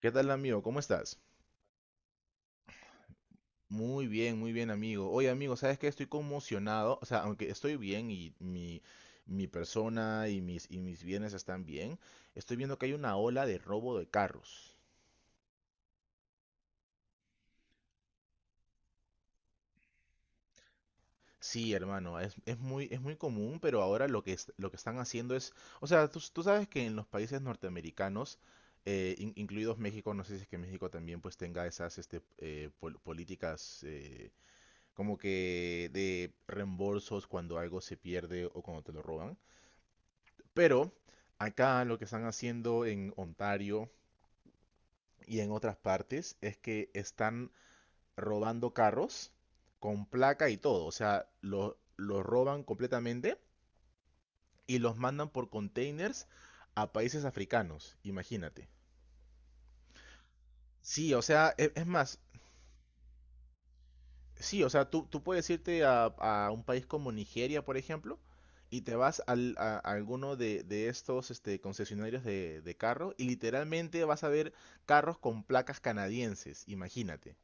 ¿Qué tal, amigo? ¿Cómo estás? Muy bien, amigo. Oye, amigo, ¿sabes qué? Estoy conmocionado. O sea, aunque estoy bien y mi persona y y mis bienes están bien, estoy viendo que hay una ola de robo de carros. Sí, hermano, es muy común, pero ahora lo que están haciendo es. O sea, tú sabes que en los países norteamericanos, incluidos México, no sé si es que México también pues tenga esas políticas, como que de reembolsos cuando algo se pierde o cuando te lo roban. Pero acá lo que están haciendo en Ontario y en otras partes es que están robando carros con placa y todo. O sea, los lo roban completamente y los mandan por containers a países africanos, imagínate. Sí, o sea, es más. Sí, o sea, tú puedes irte a un país como Nigeria, por ejemplo, y te vas a alguno de estos concesionarios de carros y literalmente vas a ver carros con placas canadienses, imagínate.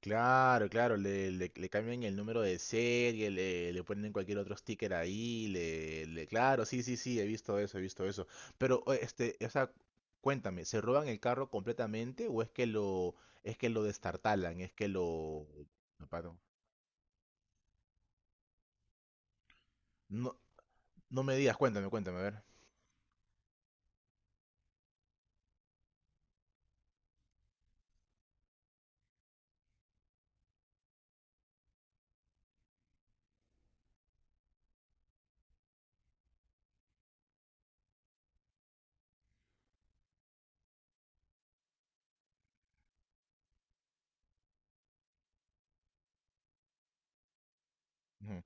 Claro, claro, le cambian el número de serie, le ponen cualquier otro sticker ahí, claro, sí, sí, sí, he visto eso, he visto eso. Pero, o sea, cuéntame, ¿se roban el carro completamente o es que lo destartalan, es que lo paran? No, no me digas, cuéntame, cuéntame, a ver. Ujú,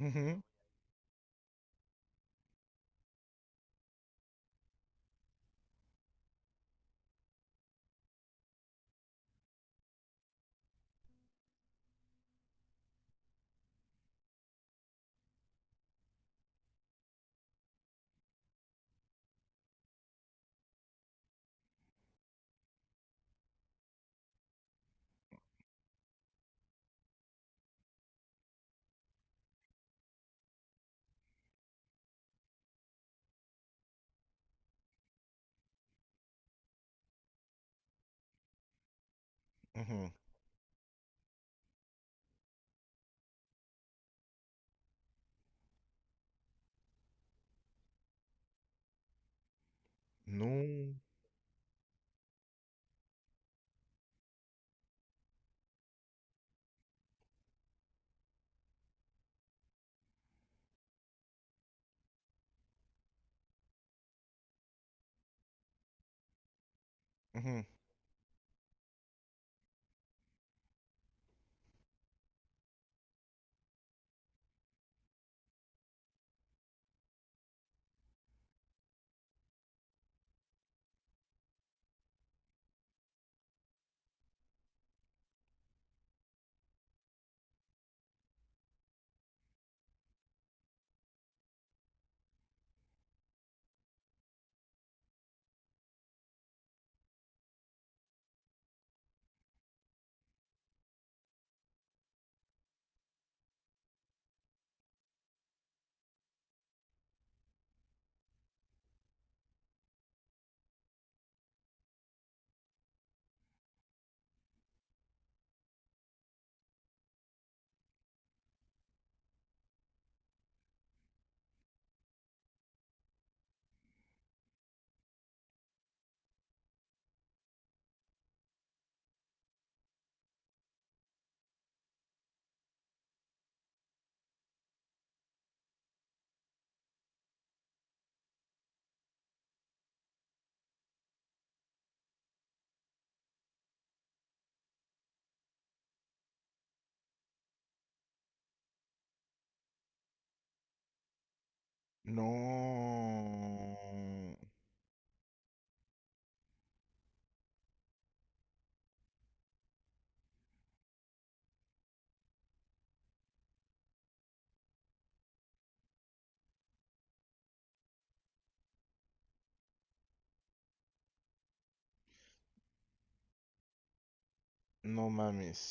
ujú, ujú. No, ujú. No, no mames.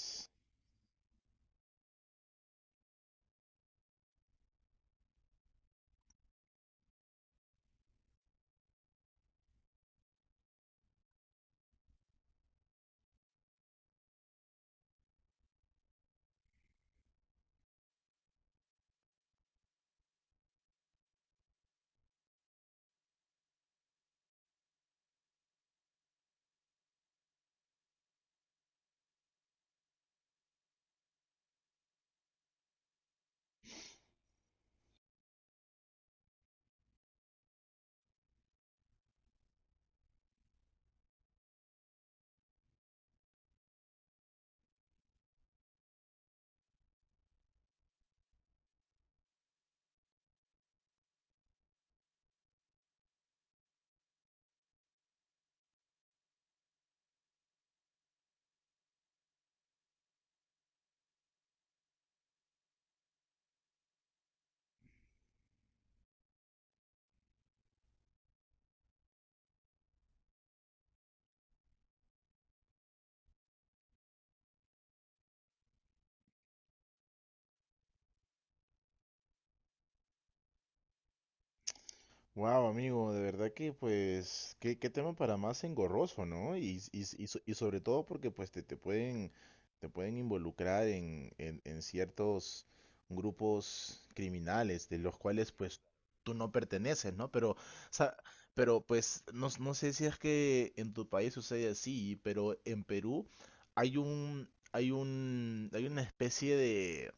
Wow, amigo, de verdad que pues qué tema para más engorroso, ¿no? Y sobre todo porque pues te pueden involucrar en ciertos grupos criminales de los cuales pues tú no perteneces, ¿no? Pero, o sea, pero pues no, no sé si es que en tu país sucede así, pero en Perú hay una especie de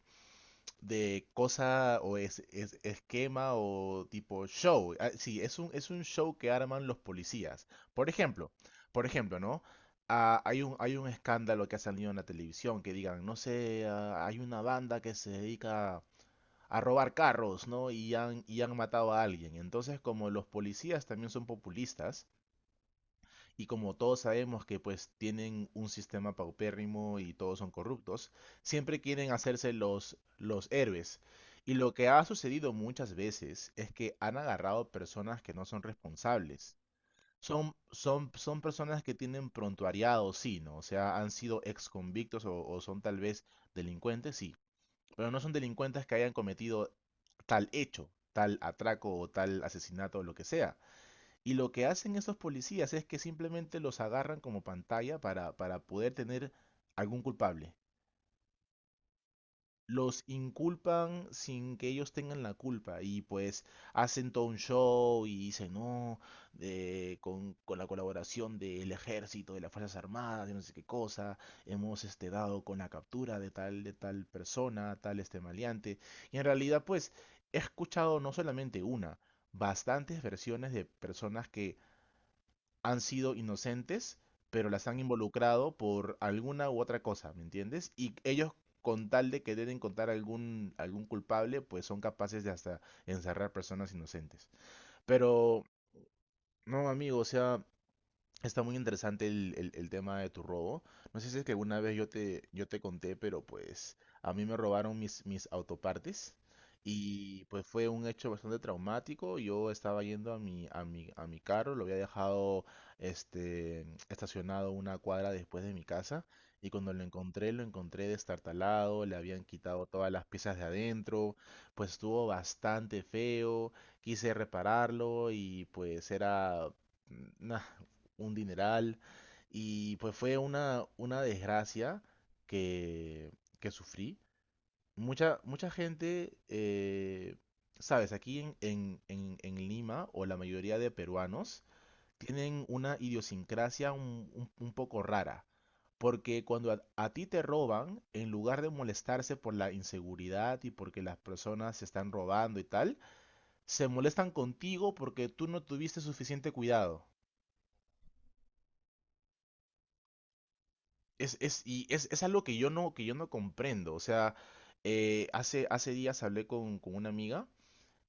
de cosa o esquema o tipo show. Ah, sí, es un show que arman los policías. Por ejemplo, por ejemplo, ¿no? Ah, hay un escándalo que ha salido en la televisión que digan, no sé, hay una banda que se dedica a robar carros, ¿no? Y han matado a alguien. Entonces, como los policías también son populistas, y como todos sabemos que pues tienen un sistema paupérrimo y todos son corruptos, siempre quieren hacerse los héroes. Y lo que ha sucedido muchas veces es que han agarrado personas que no son responsables. Son personas que tienen prontuariado, sí, ¿no? O sea, han sido ex convictos o son tal vez delincuentes, sí. Pero no son delincuentes que hayan cometido tal hecho, tal atraco o tal asesinato o lo que sea. Y lo que hacen estos policías es que simplemente los agarran como pantalla para poder tener algún culpable. Los inculpan sin que ellos tengan la culpa y pues hacen todo un show y dicen, no, con la colaboración del ejército, de las Fuerzas Armadas, de no sé qué cosa, hemos dado con la captura de tal persona, tal maleante. Y en realidad pues he escuchado no solamente una, bastantes versiones de personas que han sido inocentes, pero las han involucrado por alguna u otra cosa, ¿me entiendes? Y ellos, con tal de que querer encontrar algún culpable, pues son capaces de hasta encerrar personas inocentes. Pero, no, amigo, o sea, está muy interesante el tema de tu robo. No sé si es que alguna vez yo te conté, pero pues a mí me robaron mis autopartes y pues fue un hecho bastante traumático. Yo estaba yendo a mi carro, lo había dejado este, estacionado una cuadra después de mi casa y cuando lo encontré destartalado, le habían quitado todas las piezas de adentro, pues estuvo bastante feo, quise repararlo y pues era nah, un dineral. Y pues fue una desgracia que, que sufrí. Mucha gente, sabes, aquí en Lima, o la mayoría de peruanos, tienen una idiosincrasia un poco rara. Porque cuando a ti te roban, en lugar de molestarse por la inseguridad y porque las personas se están robando y tal, se molestan contigo porque tú no tuviste suficiente cuidado. Es algo que yo no comprendo. O sea, hace días hablé con una amiga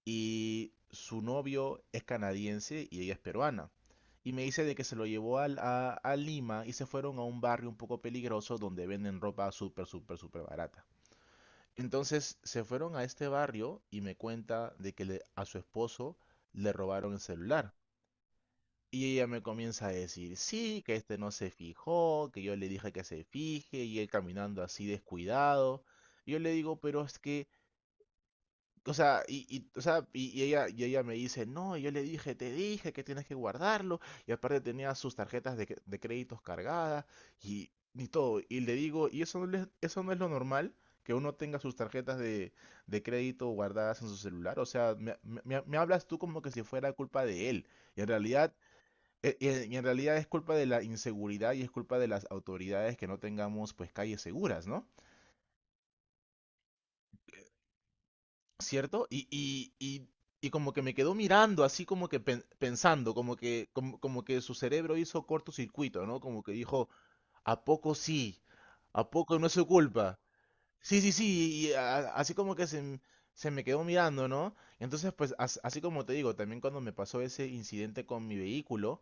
y su novio es canadiense y ella es peruana. Y me dice de que se lo llevó a Lima y se fueron a un barrio un poco peligroso donde venden ropa súper, súper, súper barata. Entonces se fueron a este barrio y me cuenta de que a su esposo le robaron el celular. Y ella me comienza a decir, sí, que este no se fijó, que yo le dije que se fije, y él caminando así descuidado. Y yo le digo, pero es que, o sea, o sea, y ella me dice, no, yo le dije, te dije que tienes que guardarlo, y aparte tenía sus tarjetas de créditos cargadas, y, todo. Y le digo, ¿y eso no es lo normal? Que uno tenga sus tarjetas de crédito guardadas en su celular. O sea, me hablas tú como que si fuera culpa de él. Y en realidad y en realidad es culpa de la inseguridad y es culpa de las autoridades que no tengamos pues calles seguras, ¿no? ¿Cierto? Y como que me quedó mirando, así como que pensando, como que su cerebro hizo cortocircuito, ¿no? Como que dijo, ¿a poco sí? ¿A poco no es su culpa? Sí, sí, sí, y así como que se me quedó mirando, ¿no? Entonces, pues así como te digo, también cuando me pasó ese incidente con mi vehículo,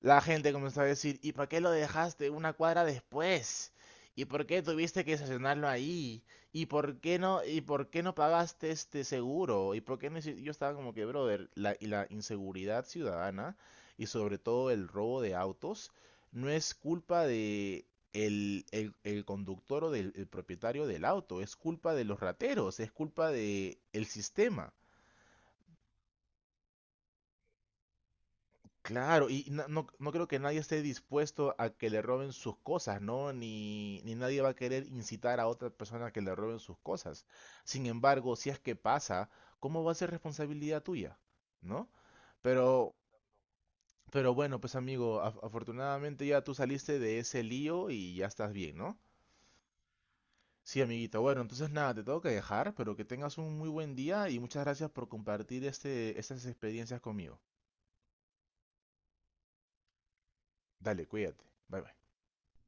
la gente comenzó a decir, ¿y para qué lo dejaste una cuadra después? ¿Y por qué tuviste que estacionarlo ahí? ¿Y por qué no pagaste este seguro? ¿Y por qué no hici-? Yo estaba como que, brother, y la inseguridad ciudadana y sobre todo el robo de autos no es culpa de el conductor o del el propietario del auto, es culpa de los rateros, es culpa de el sistema. Claro, y no, no creo que nadie esté dispuesto a que le roben sus cosas, ¿no? Ni nadie va a querer incitar a otra persona a que le roben sus cosas. Sin embargo, si es que pasa, ¿cómo va a ser responsabilidad tuya? ¿No? Pero, pero bueno, pues amigo, afortunadamente ya tú saliste de ese lío y ya estás bien, ¿no? Sí, amiguito. Bueno, entonces nada, te tengo que dejar, pero que tengas un muy buen día y muchas gracias por compartir estas experiencias conmigo. Dale, cuídate. Bye bye.